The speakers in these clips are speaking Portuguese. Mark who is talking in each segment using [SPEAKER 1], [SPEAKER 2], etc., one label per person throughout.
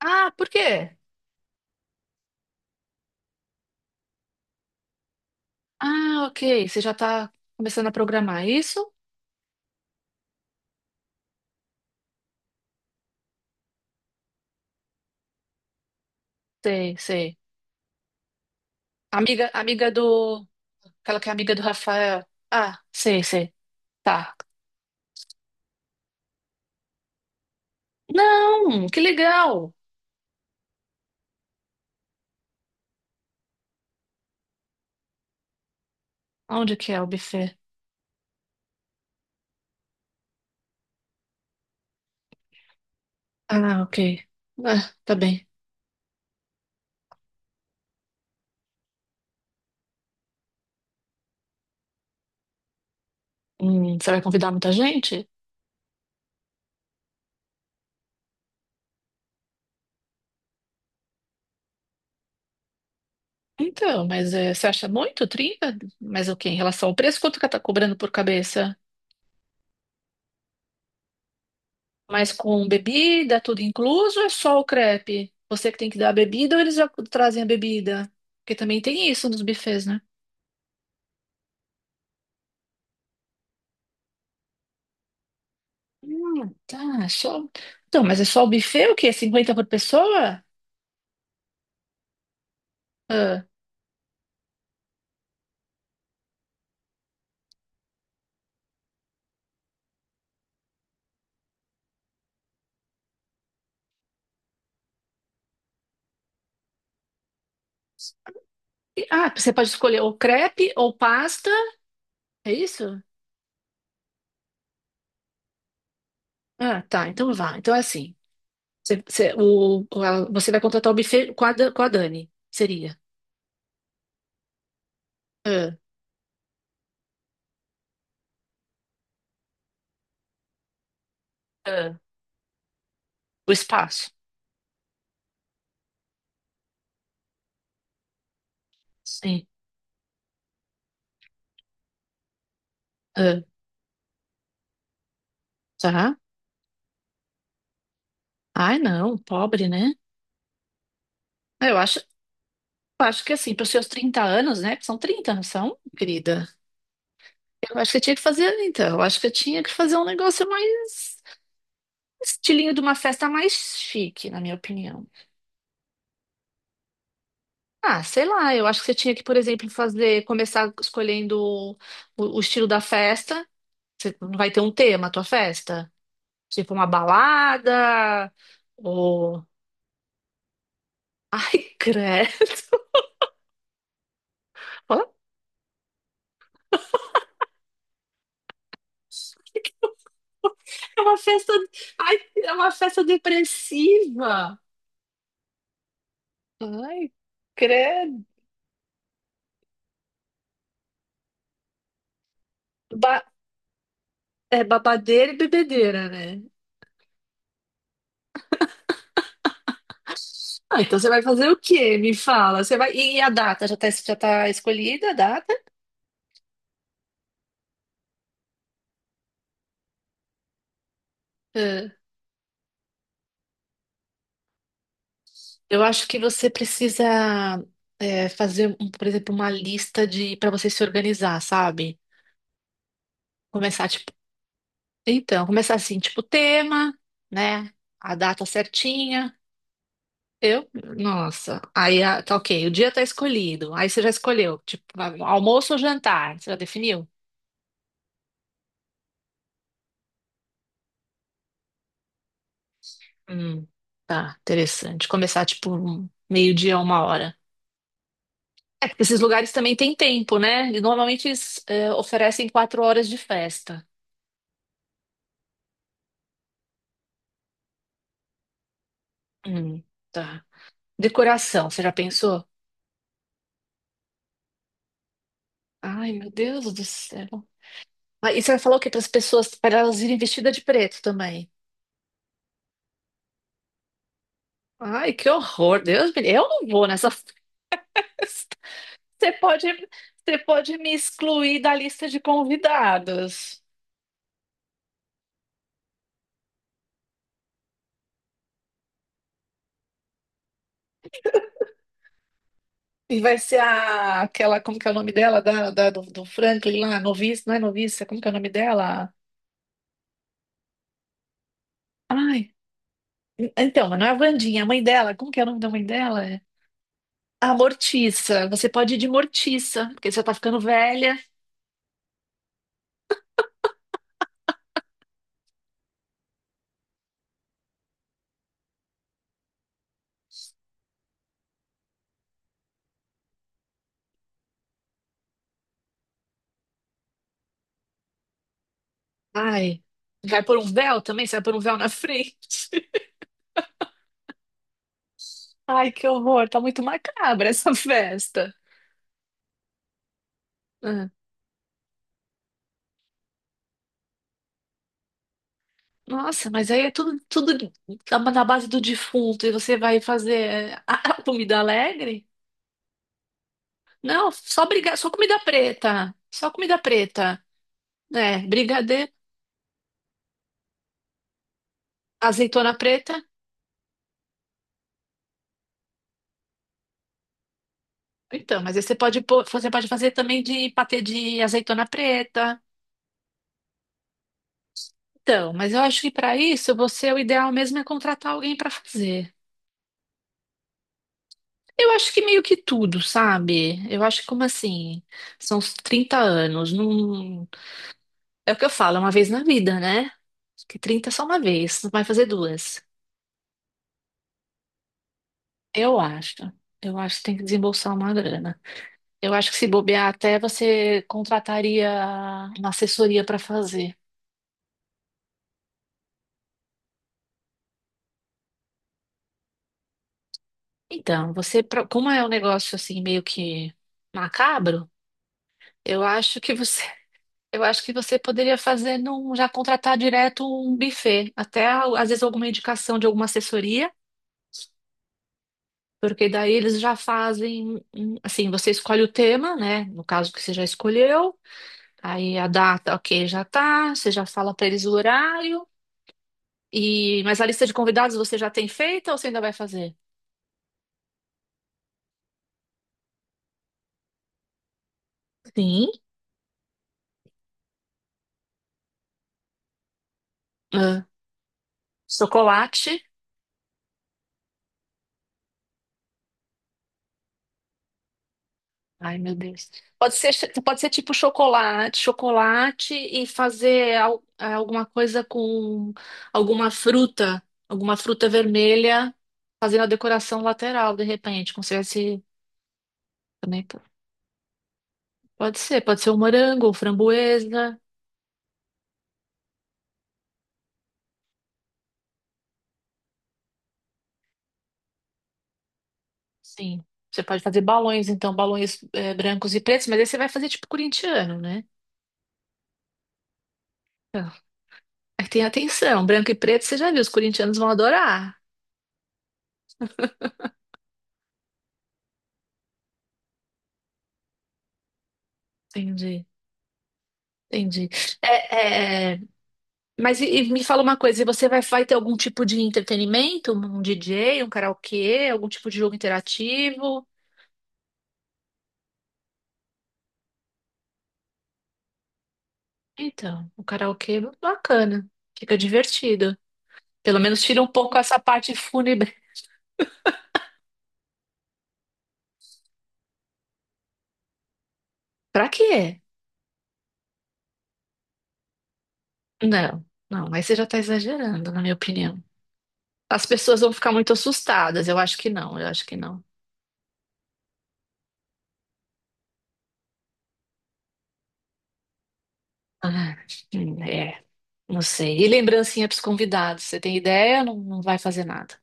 [SPEAKER 1] Ah, por quê? Ah, ok. Você já tá começando a programar, é isso? Sei, sei. Amiga, amiga do. Aquela que é amiga do Rafael. Ah, sei, sei. Tá. Não, que legal. Onde que é o buffet? Ah, ok. Ah, tá bem. Você vai convidar muita gente? Então, mas você acha muito? Trinta? Mas o quê? Em relação ao preço, quanto que ela tá cobrando por cabeça? Mas com bebida, tudo incluso, ou é só o crepe? Você que tem que dar a bebida ou eles já trazem a bebida? Porque também tem isso nos buffets, né? Tá, só. Então, mas é só o buffet, o quê? Cinquenta por pessoa? Ah, ah, você pode escolher ou crepe ou pasta, é isso? Ah, tá, então vá. Então é assim. Você, você vai contratar o buffet com a, com a Dani, seria. Ah, ah, o espaço. Sim. Ah, tá. Ai, não, pobre, né? Ah, eu acho. Eu acho que assim, para os seus 30 anos, né? Que são 30, não são, querida? Eu acho que eu tinha que fazer, então. Eu acho que eu tinha que fazer um negócio mais. Estilinho de uma festa mais chique, na minha opinião. Ah, sei lá, eu acho que você tinha que, por exemplo, fazer. Começar escolhendo o estilo da festa. Você não vai ter um tema a tua festa? Tipo uma balada. Ou. Ai, credo. É uma festa. Ai, é uma festa depressiva. Ai, credo. Ba- é babadeira e bebedeira, né? Ah, então você vai fazer o quê? Me fala. Você vai... E a data? Já tá escolhida a data? É. Eu acho que você precisa é, fazer, por exemplo, uma lista de para você se organizar, sabe? Começar, tipo, então, começar assim, tipo, tema, né? A data certinha. Eu, nossa, aí ah, tá ok, o dia tá escolhido. Aí você já escolheu, tipo, almoço ou jantar? Você já definiu? Hum, tá, interessante. Começar tipo um meio-dia, uma hora. É, porque esses lugares também têm tempo, né? E normalmente eles é, oferecem quatro horas de festa. Hum, tá. Decoração, você já pensou? Ai, meu Deus do céu. Ah, e você vai falar o quê para as pessoas, para elas irem vestidas de preto também? Ai, que horror, Deus me... Eu não vou nessa festa. Você pode, você pode me excluir da lista de convidados. E vai ser a, aquela, como que é o nome dela, do Franklin lá, noviça, não é noviça, como que é o nome dela? Ai, então, mas não é a Wandinha, é a mãe dela, como que é o nome da mãe dela? É a Mortiça, você pode ir de Mortiça, porque você tá ficando velha. Ai, vai pôr um véu também? Você vai pôr um véu na frente? Ai, que horror, tá muito macabra essa festa. Ah, nossa, mas aí é tudo na base do defunto, e você vai fazer é, a comida alegre? Não, só briga, só comida preta. Só comida preta. É, brigadeiro, azeitona preta. Então, mas aí você você pode fazer também de patê de azeitona preta. Então, mas eu acho que para isso você o ideal mesmo é contratar alguém para fazer. Eu acho que meio que tudo, sabe? Eu acho que como assim, são uns 30 anos, não é o que eu falo, é uma vez na vida, né? Que 30 é só uma vez, não vai fazer duas. Eu acho. Eu acho que tem que desembolsar uma grana. Eu acho que se bobear até você contrataria uma assessoria para fazer. Então, você, como é um negócio assim meio que macabro, eu acho que você, eu acho que você poderia fazer num, já contratar direto um buffet, até às vezes alguma indicação de alguma assessoria, porque daí eles já fazem, assim, você escolhe o tema, né? No caso que você já escolheu, aí a data, ok, já tá, você já fala para eles o horário. E, mas a lista de convidados você já tem feita ou você ainda vai fazer? Sim. Ah, chocolate. Ai, meu Deus. Pode ser, pode ser tipo chocolate, chocolate e fazer é, alguma coisa com alguma fruta, alguma fruta vermelha, fazendo a decoração lateral, de repente, como se tivesse também pode ser um morango, um framboesa. Sim. Você pode fazer balões, então, balões brancos e pretos, mas aí você vai fazer tipo corintiano, né? Então, aí tem atenção, branco e preto, você já viu, os corintianos vão adorar. Entendi. Entendi. É, é, mas e me fala uma coisa, e você vai, vai ter algum tipo de entretenimento? Um DJ, um karaokê, algum tipo de jogo interativo? Então, o karaokê é bacana, fica divertido. Pelo menos tira um pouco essa parte fúnebre. Pra quê? Não, não, aí você já tá exagerando, na minha opinião. As pessoas vão ficar muito assustadas, eu acho que não, eu acho que não. Ah, é, não sei. E lembrancinha pros convidados, você tem ideia? Não, não vai fazer nada.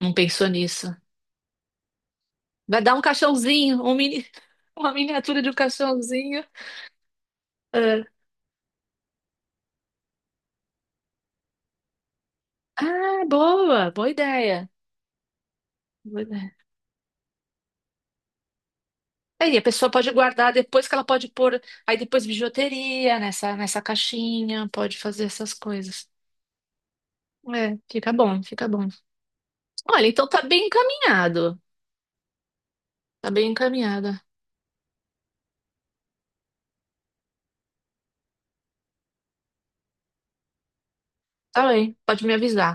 [SPEAKER 1] Não pensou nisso. Vai dar um caixãozinho, um mini... uma miniatura de um caixãozinho. É. Ah, boa, boa ideia. Boa ideia. Aí a pessoa pode guardar depois que ela pode pôr, aí depois bijuteria nessa, nessa caixinha, pode fazer essas coisas. É, fica bom, fica bom. Olha, então tá bem encaminhado. Tá bem encaminhado. Tá bem, pode me avisar.